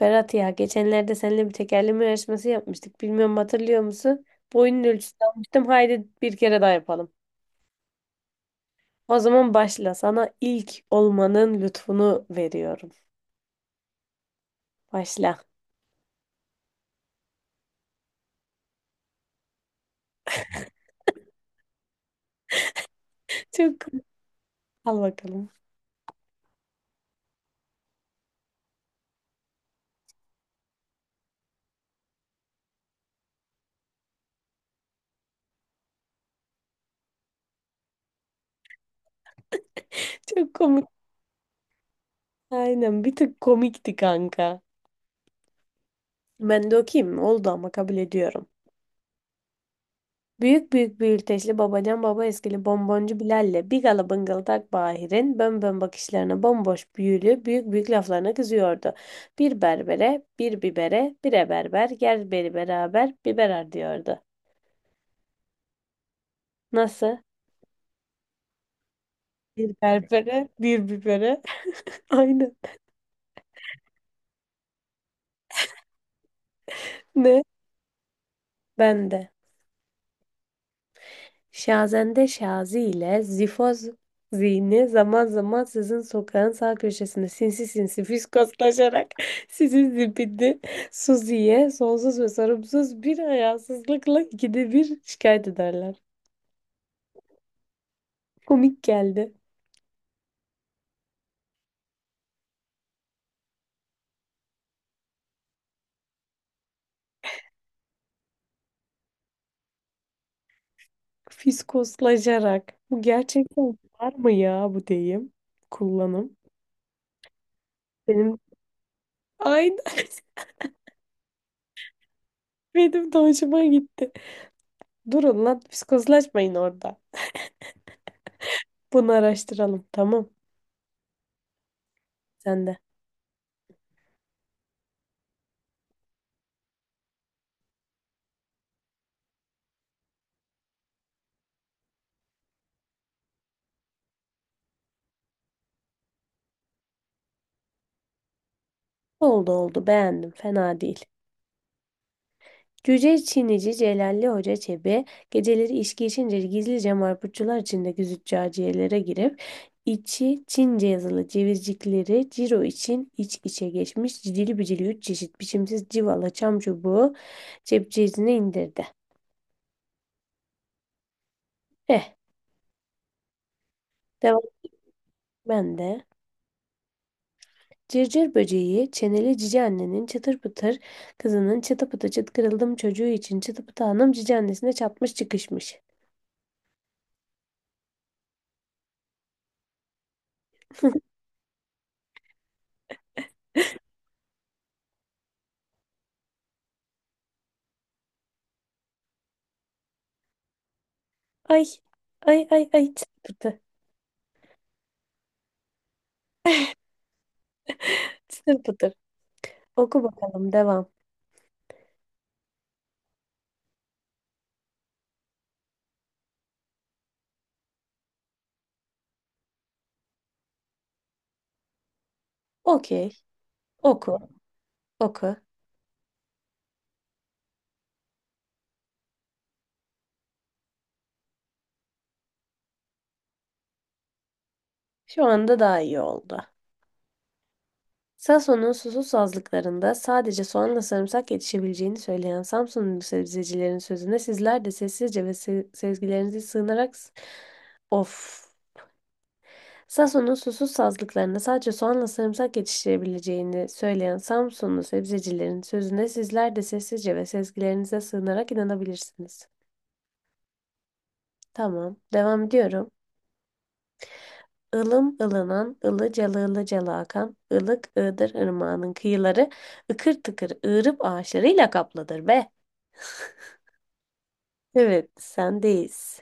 Berat ya geçenlerde seninle bir tekerleme yarışması yapmıştık. Bilmiyorum hatırlıyor musun? Boyunun ölçüsünü almıştım. Haydi bir kere daha yapalım. O zaman başla. Sana ilk olmanın lütfunu veriyorum. Başla. Çok komik. Al bakalım. Çok komik. Aynen bir tık komikti kanka. Ben de okuyayım mı? Oldu ama kabul ediyorum. Büyük büyük büyülteçli babacan baba eskili bonboncu Bilal'le bigala bıngal tak Bahir'in bönbön bakışlarına bomboş büyülü büyük büyük laflarına kızıyordu. Bir berbere, bir bibere, bire berber, gel beri beraber biberer diyordu. Nasıl? Bir berbere, bir bibere. Aynen. Ne? Ben de. Şazende Şazi ile Zifoz Zihni zaman zaman sizin sokağın sağ köşesinde sinsi sinsi fiskoslaşarak sizin zibidi Suzi'ye sonsuz ve sorumsuz bir hayasızlıkla ikide bir şikayet ederler. Komik geldi. Fiskoslaşarak. Bu gerçekten var mı ya bu deyim? Kullanım. Benim aynen benim de hoşuma gitti. Durun lan fiskoslaşmayın orada. Bunu araştıralım tamam. Sen de. Oldu oldu beğendim fena değil. Cüce Çinici Celalli Hoca Çebi geceleri içki içince gizlice marputçular içindeki züccaciyelere girip içi Çince yazılı cevizcikleri ciro için iç içe geçmiş cicili bicili üç çeşit biçimsiz civala çam çubuğu cepçesine indirdi. Eh devam ben de. Cırcır böceği çeneli cici annenin çıtır pıtır kızının çıtı pıtı çıt kırıldım çocuğu için çıtı pıtı hanım cici annesine çatmış çıkışmış. Ay, ay, ay, ay, çıtır pıtır, çıtır pıtır. Oku bakalım, devam. Okey, oku, oku. Şu anda daha iyi oldu. Sason'un susuz sazlıklarında sadece soğanla sarımsak yetişebileceğini söyleyen Samsunlu sebzecilerin sözüne sizler de sessizce ve sezgilerinize sığınarak... Of. Sason'un susuz sazlıklarında sadece soğanla sarımsak yetiştirebileceğini söyleyen Samsunlu sebzecilerin sözüne sizler de sessizce ve sezgilerinize sığınarak inanabilirsiniz. Tamam. Devam ediyorum. Ilım ılınan, ılıcalı ılıcalı akan, ılık ığdır ırmağının kıyıları, ıkır tıkır ığırıp ağaçlarıyla kaplıdır be. Evet, sendeyiz.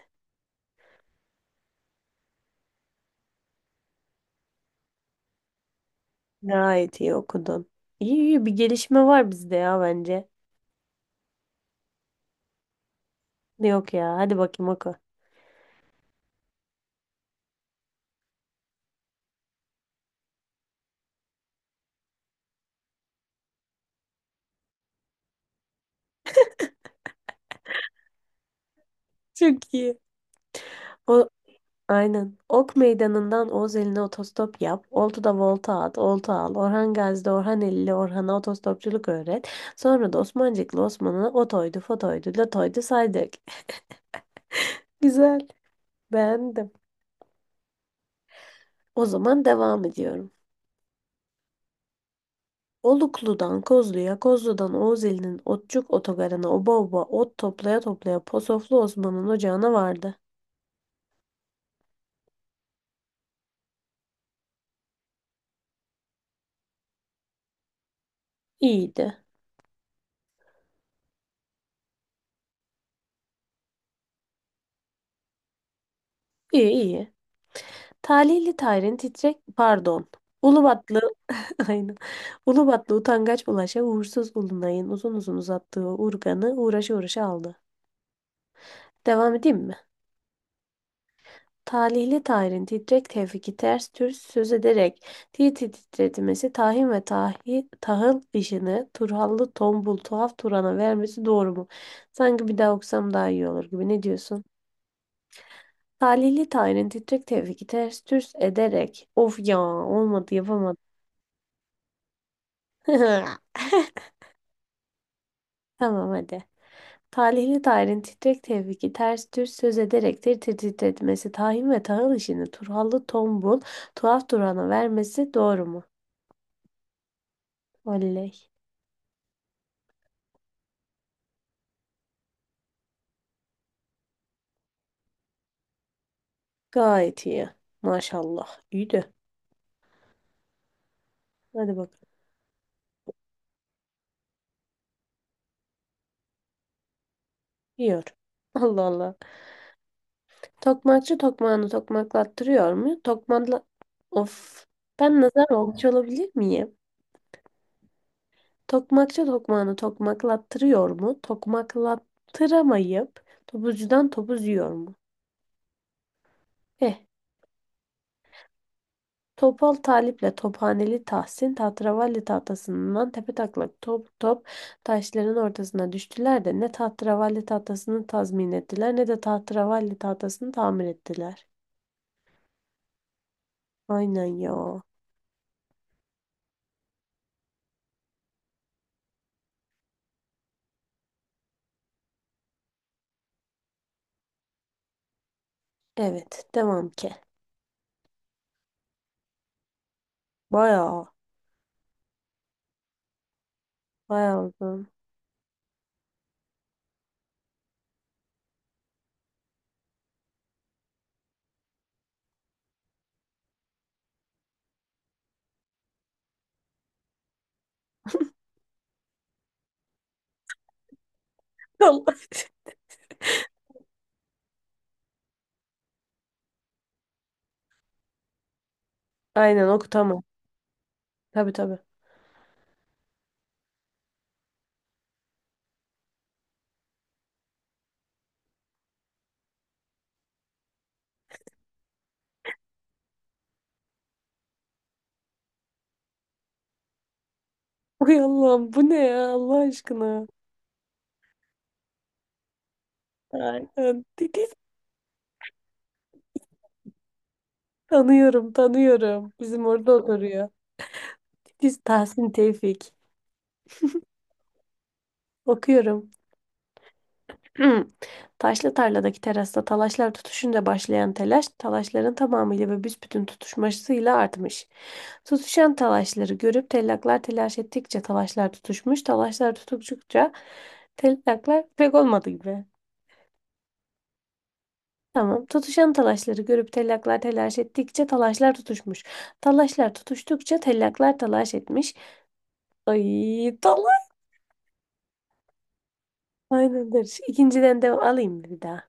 Gayet iyi okudun. İyi iyi bir gelişme var bizde ya bence. Yok ya, hadi bakayım oku. Çok iyi. O, Aynen. Ok Meydanı'ndan Oğuz eline otostop yap. Oltu'da volta at, olta al. Orhan Gazi'de Orhan Eli'li Orhan'a otostopçuluk öğret. Sonra da Osmancıklı Osman'a otoydu, fotoydu, latoydu saydık. Güzel. Beğendim. O zaman devam ediyorum. Oluklu'dan Kozlu'ya, Kozlu'dan Oğuz Otçuk Otogarı'na oba oba ot toplaya toplaya Posoflu Osman'ın ocağına vardı. İyiydi. İyi iyi. Talihli Tahir'in titrek pardon. Ulubatlı aynen. Ulubatlı utangaç bulaşa uğursuz Ulunay'ın uzun uzun uzattığı urganı uğraşa uğraşa aldı. Devam edeyim mi? Talihli Tahir'in titrek tevfiki ters türs söz ederek titretmesi tahin ve tahıl işini turhallı tombul tuhaf Turan'a vermesi doğru mu? Sanki bir daha okusam daha iyi olur gibi ne diyorsun? Talihli Tahir'in titrek tevfiki ters türs ederek of ya olmadı yapamadım. Tamam hadi. Talihli dairin titrek tevfiki ters düz söz ederektir titretmesi tahin ve tahıl işini turhallı tombul tuhaf durana vermesi doğru mu? Oley. Gayet iyi. Maşallah. İyi de. Hadi bakalım. Yiyor. Allah Allah. Tokmakçı tokmağını tokmaklattırıyor mu? Of. Ben nazar olmuş olabilir miyim? Tokmakçı tokmağını tokmaklattırıyor mu? Tokmaklattıramayıp topuzcudan topuz yiyor mu? Eh. Topal Talip'le Tophaneli Tahsin tahterevalli tahtasından tepetaklak top top taşların ortasına düştüler de ne tahterevalli tahtasını tazmin ettiler ne de tahterevalli tahtasını tamir ettiler. Aynen ya. Evet devam ki. Bayağı bayağı uzun. Allah. Aynen okutamam. Tabii tabii. Uy Allah'ım bu ne ya Allah aşkına. Aynen. Titiz tanıyorum tanıyorum. Bizim orada oturuyor. Titiz Tahsin Tevfik. Okuyorum. Hmm. Taşlı tarladaki terasta talaşlar tutuşunca başlayan telaş, talaşların tamamıyla ve büsbütün tutuşmasıyla artmış. Tutuşan talaşları görüp tellaklar telaş ettikçe talaşlar tutuşmuş, talaşlar tutukçukça tellaklar pek olmadı gibi. Tamam. Tutuşan talaşları görüp tellaklar telaş ettikçe talaşlar tutuşmuş. Talaşlar tutuştukça tellaklar talaş etmiş. Ay talaş. Aynıdır. İkinciden devam alayım mı bir daha?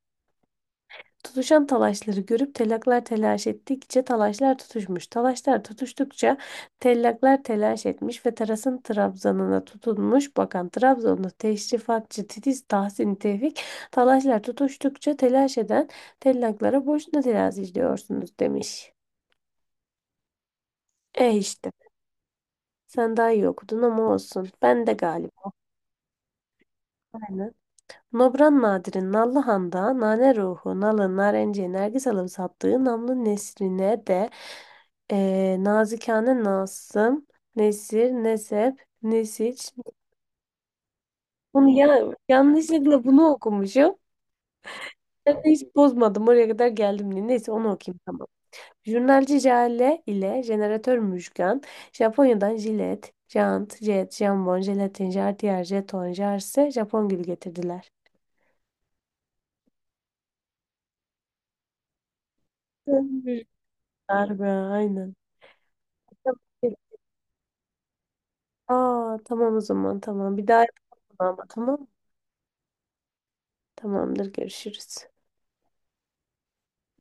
Tutuşan talaşları görüp tellaklar telaş ettikçe talaşlar tutuşmuş. Talaşlar tutuştukça tellaklar telaş etmiş ve terasın trabzanına tutunmuş. Bakan Trabzonlu teşrifatçı Titiz Tahsin Tevfik talaşlar tutuştukça telaş eden tellaklara boşuna terazi izliyorsunuz demiş. E işte sen daha iyi okudun ama olsun. Ben de galip. Nobran Nadir'in Nallıhan'da nane ruhu, nalı, narenciye, nergis alıp sattığı namlı nesrine de nazikane nasım, nesir, nesep, nesiç. Bunu ya, yanlışlıkla bunu okumuşum. Ben de hiç bozmadım. Oraya kadar geldim diye. Neyse onu okuyayım tamam. Jurnalci Jale ile jeneratör Müşkan, Japonya'dan jilet, jant, jet, jambon, jelatin, jartiyer, jeton, jarse, Japon gülü getirdiler. Darbe, aynen. Aa tamam o zaman tamam. Bir daha yapalım ama tamam. Tamamdır görüşürüz.